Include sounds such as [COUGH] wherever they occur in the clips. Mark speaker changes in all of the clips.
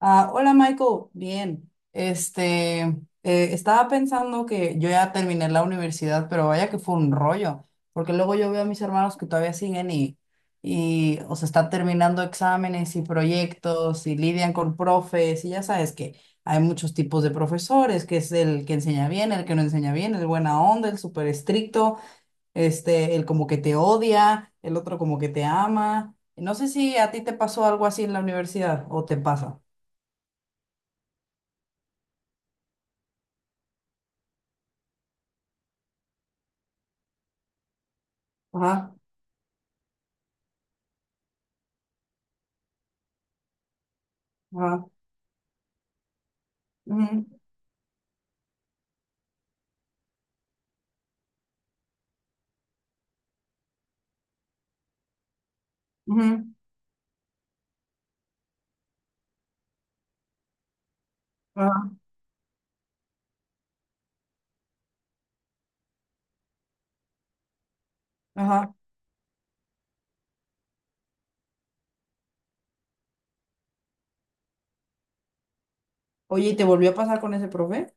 Speaker 1: Ah, hola Michael, bien. Este, estaba pensando que yo ya terminé la universidad, pero vaya que fue un rollo, porque luego yo veo a mis hermanos que todavía siguen y o sea, están terminando exámenes y proyectos y lidian con profes y ya sabes que hay muchos tipos de profesores, que es el que enseña bien, el que no enseña bien, el buena onda, el súper estricto, este, el como que te odia, el otro como que te ama. No sé si a ti te pasó algo así en la universidad o te pasa. Ajá, ajá, ujú, ujú, ajá, ajá. Oye, ¿y te volvió a pasar con ese profe?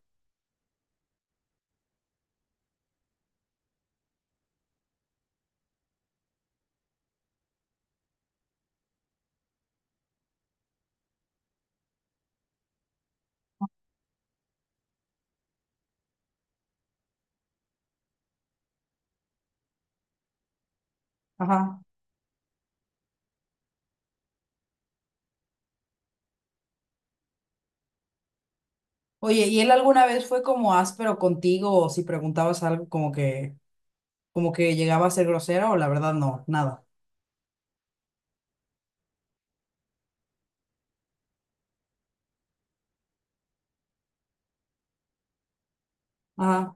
Speaker 1: Ajá. Oye, ¿y él alguna vez fue como áspero contigo o si preguntabas algo como que llegaba a ser grosero o la verdad no, nada? Ajá.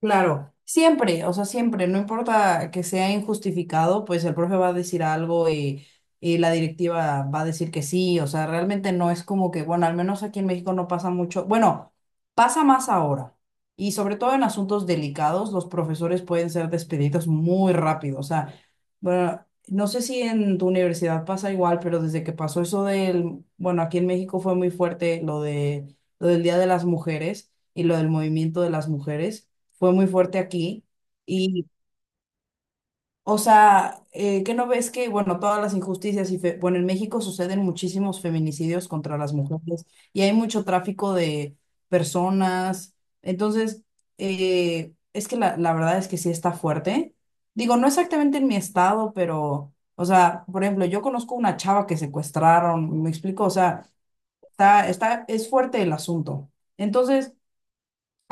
Speaker 1: Claro, siempre, o sea, siempre, no importa que sea injustificado, pues el profe va a decir algo y la directiva va a decir que sí, o sea, realmente no es como que, bueno, al menos aquí en México no pasa mucho, bueno, pasa más ahora, y sobre todo en asuntos delicados, los profesores pueden ser despedidos muy rápido, o sea, bueno, no sé si en tu universidad pasa igual, pero desde que pasó eso del, bueno, aquí en México fue muy fuerte lo de, lo del Día de las Mujeres y lo del movimiento de las mujeres fue muy fuerte aquí. Y, o sea, ¿qué no ves que, bueno, todas las injusticias y, bueno, en México suceden muchísimos feminicidios contra las mujeres y hay mucho tráfico de personas. Entonces, es que la verdad es que sí está fuerte. Digo, no exactamente en mi estado, pero, o sea, por ejemplo, yo conozco una chava que secuestraron, me explico, o sea, es fuerte el asunto. Entonces,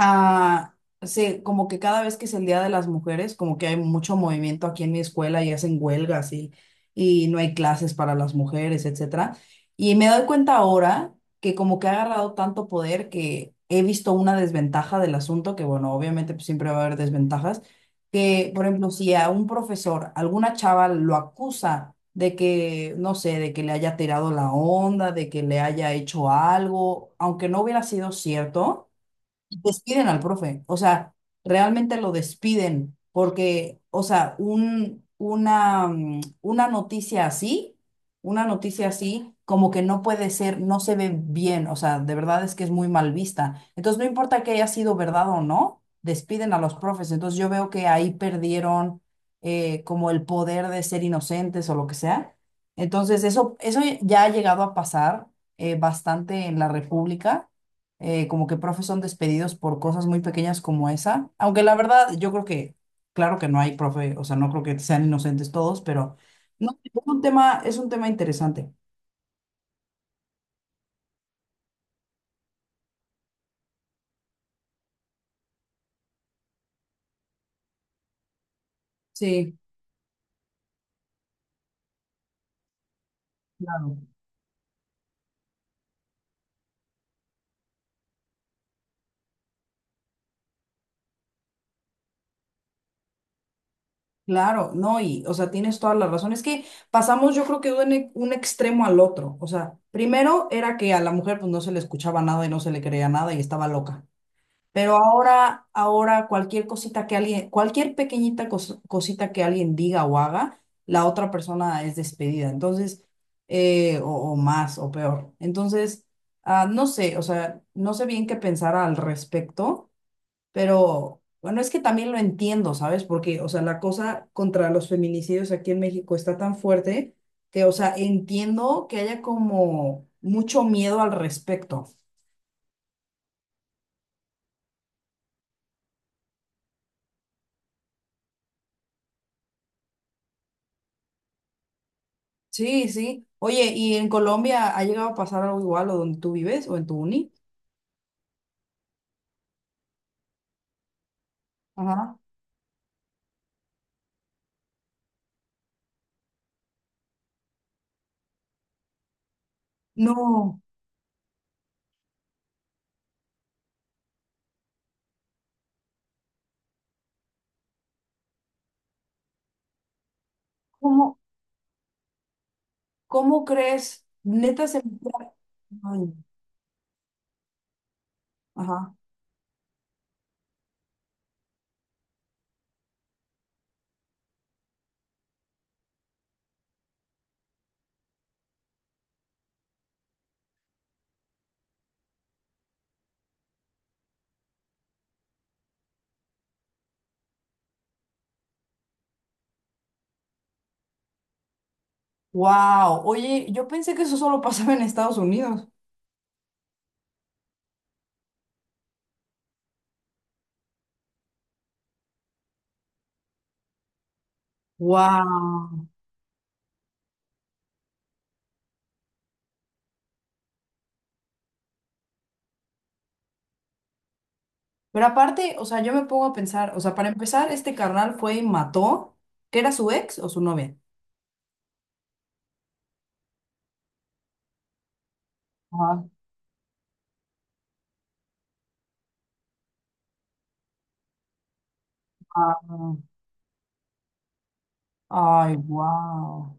Speaker 1: Ah, sí, como que cada vez que es el Día de las Mujeres, como que hay mucho movimiento aquí en mi escuela y hacen huelgas y no hay clases para las mujeres, etcétera. Y me doy cuenta ahora que como que ha agarrado tanto poder que he visto una desventaja del asunto, que bueno, obviamente pues, siempre va a haber desventajas, que por ejemplo, si a un profesor, alguna chava lo acusa de que, no sé, de que le haya tirado la onda, de que le haya hecho algo, aunque no hubiera sido cierto, despiden al profe, o sea, realmente lo despiden, porque, o sea, un, una, una noticia así, como que no puede ser, no se ve bien, o sea, de verdad es que es muy mal vista. Entonces, no importa que haya sido verdad o no, despiden a los profes. Entonces, yo veo que ahí perdieron como el poder de ser inocentes o lo que sea. Entonces, eso ya ha llegado a pasar bastante en la República, como que profes son despedidos por cosas muy pequeñas como esa. Aunque la verdad, yo creo que, claro que no hay profe, o sea, no creo que sean inocentes todos, pero no, es un tema interesante. Sí, claro. Claro, no, y, o sea, tienes toda la razón. Es que pasamos, yo creo que de un, un extremo al otro. O sea, primero era que a la mujer pues no se le escuchaba nada y no se le creía nada y estaba loca. Pero ahora cualquier cosita que alguien, cualquier pequeñita cosita que alguien diga o haga, la otra persona es despedida. Entonces, eh, o, o más o peor. Entonces, no sé, o sea, no sé bien qué pensar al respecto, pero bueno, es que también lo entiendo, ¿sabes? Porque, o sea, la cosa contra los feminicidios aquí en México está tan fuerte que, o sea, entiendo que haya como mucho miedo al respecto. Sí, sí. Oye, ¿y en Colombia ha llegado a pasar algo igual o donde tú vives o en tu uni? Ajá. No, ¿cómo, cómo crees? Neta me fue- Ay. Ajá. Wow. Oye, yo pensé que eso solo [LAUGHS] pasaba en Estados Unidos. Wow. Pero aparte, o sea, yo me pongo a pensar, o sea, para empezar, este carnal fue y mató, que era su ex o su novia. Ajá. Ah. Ay, wow.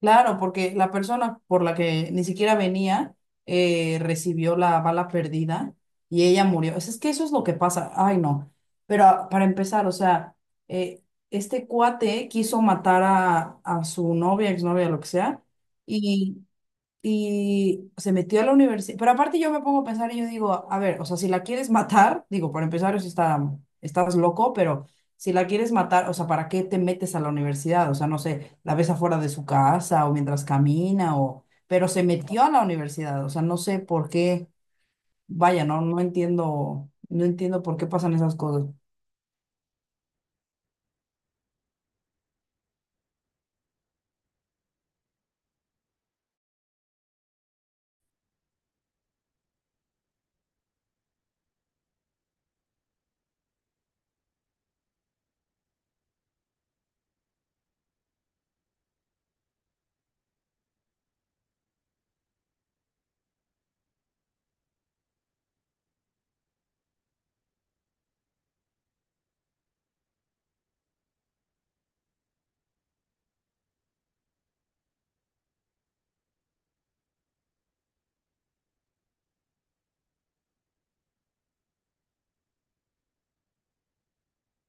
Speaker 1: Claro, porque la persona por la que ni siquiera venía recibió la bala perdida y ella murió. Es que eso es lo que pasa. Ay, no. Pero para empezar, o sea, eh, este cuate quiso matar a su novia, exnovia, lo que sea, y se metió a la universidad. Pero aparte yo me pongo a pensar y yo digo, a ver, o sea, si la quieres matar, digo, por empezar, eso estás loco, pero si la quieres matar, o sea, ¿para qué te metes a la universidad? O sea, no sé, la ves afuera de su casa o mientras camina o. Pero se metió a la universidad, o sea, no sé por qué, vaya, no, no entiendo, por qué pasan esas cosas.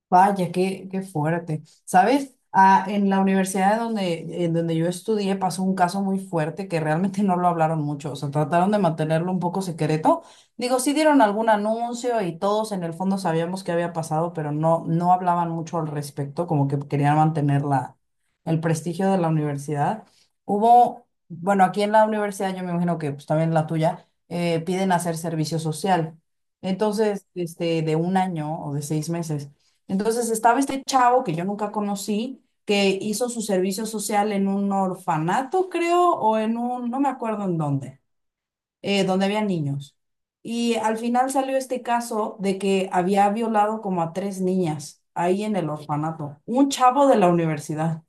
Speaker 1: Vaya, qué, qué fuerte. ¿Sabes? Ah, en la universidad donde, en donde yo estudié pasó un caso muy fuerte que realmente [LAUGHS] no lo hablaron mucho. O sea, trataron de mantenerlo un poco secreto. Digo, sí dieron algún anuncio y todos en el fondo sabíamos qué había pasado, pero no, no hablaban mucho al respecto, como que querían mantener la, el prestigio de la universidad. Hubo, bueno, aquí en la universidad, yo me imagino que pues, también la tuya, piden hacer servicio social. Entonces, este, de un año o de seis meses. Entonces estaba este chavo que yo nunca conocí, que hizo su servicio social en un orfanato, creo, o en un, no me acuerdo en dónde, donde había niños. Y al final salió este caso de que había violado como a tres niñas ahí en el orfanato, un chavo de la universidad.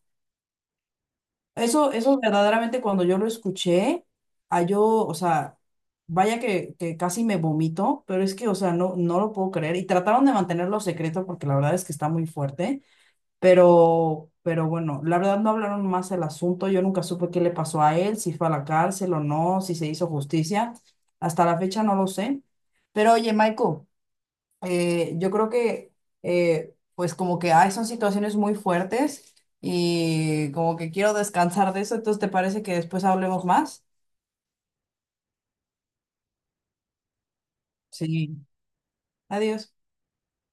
Speaker 1: Eso verdaderamente cuando yo lo escuché, a yo, o sea, vaya que casi me vomito, pero es que, o sea, no, no lo puedo creer. Y trataron de mantenerlo secreto porque la verdad es que está muy fuerte. Pero bueno, la verdad no hablaron más del asunto. Yo nunca supe qué le pasó a él, si fue a la cárcel o no, si se hizo justicia. Hasta la fecha no lo sé. Pero oye, Michael, yo creo que, pues como que ay, son situaciones muy fuertes y como que quiero descansar de eso. Entonces, ¿te parece que después hablemos más? Sí. Adiós.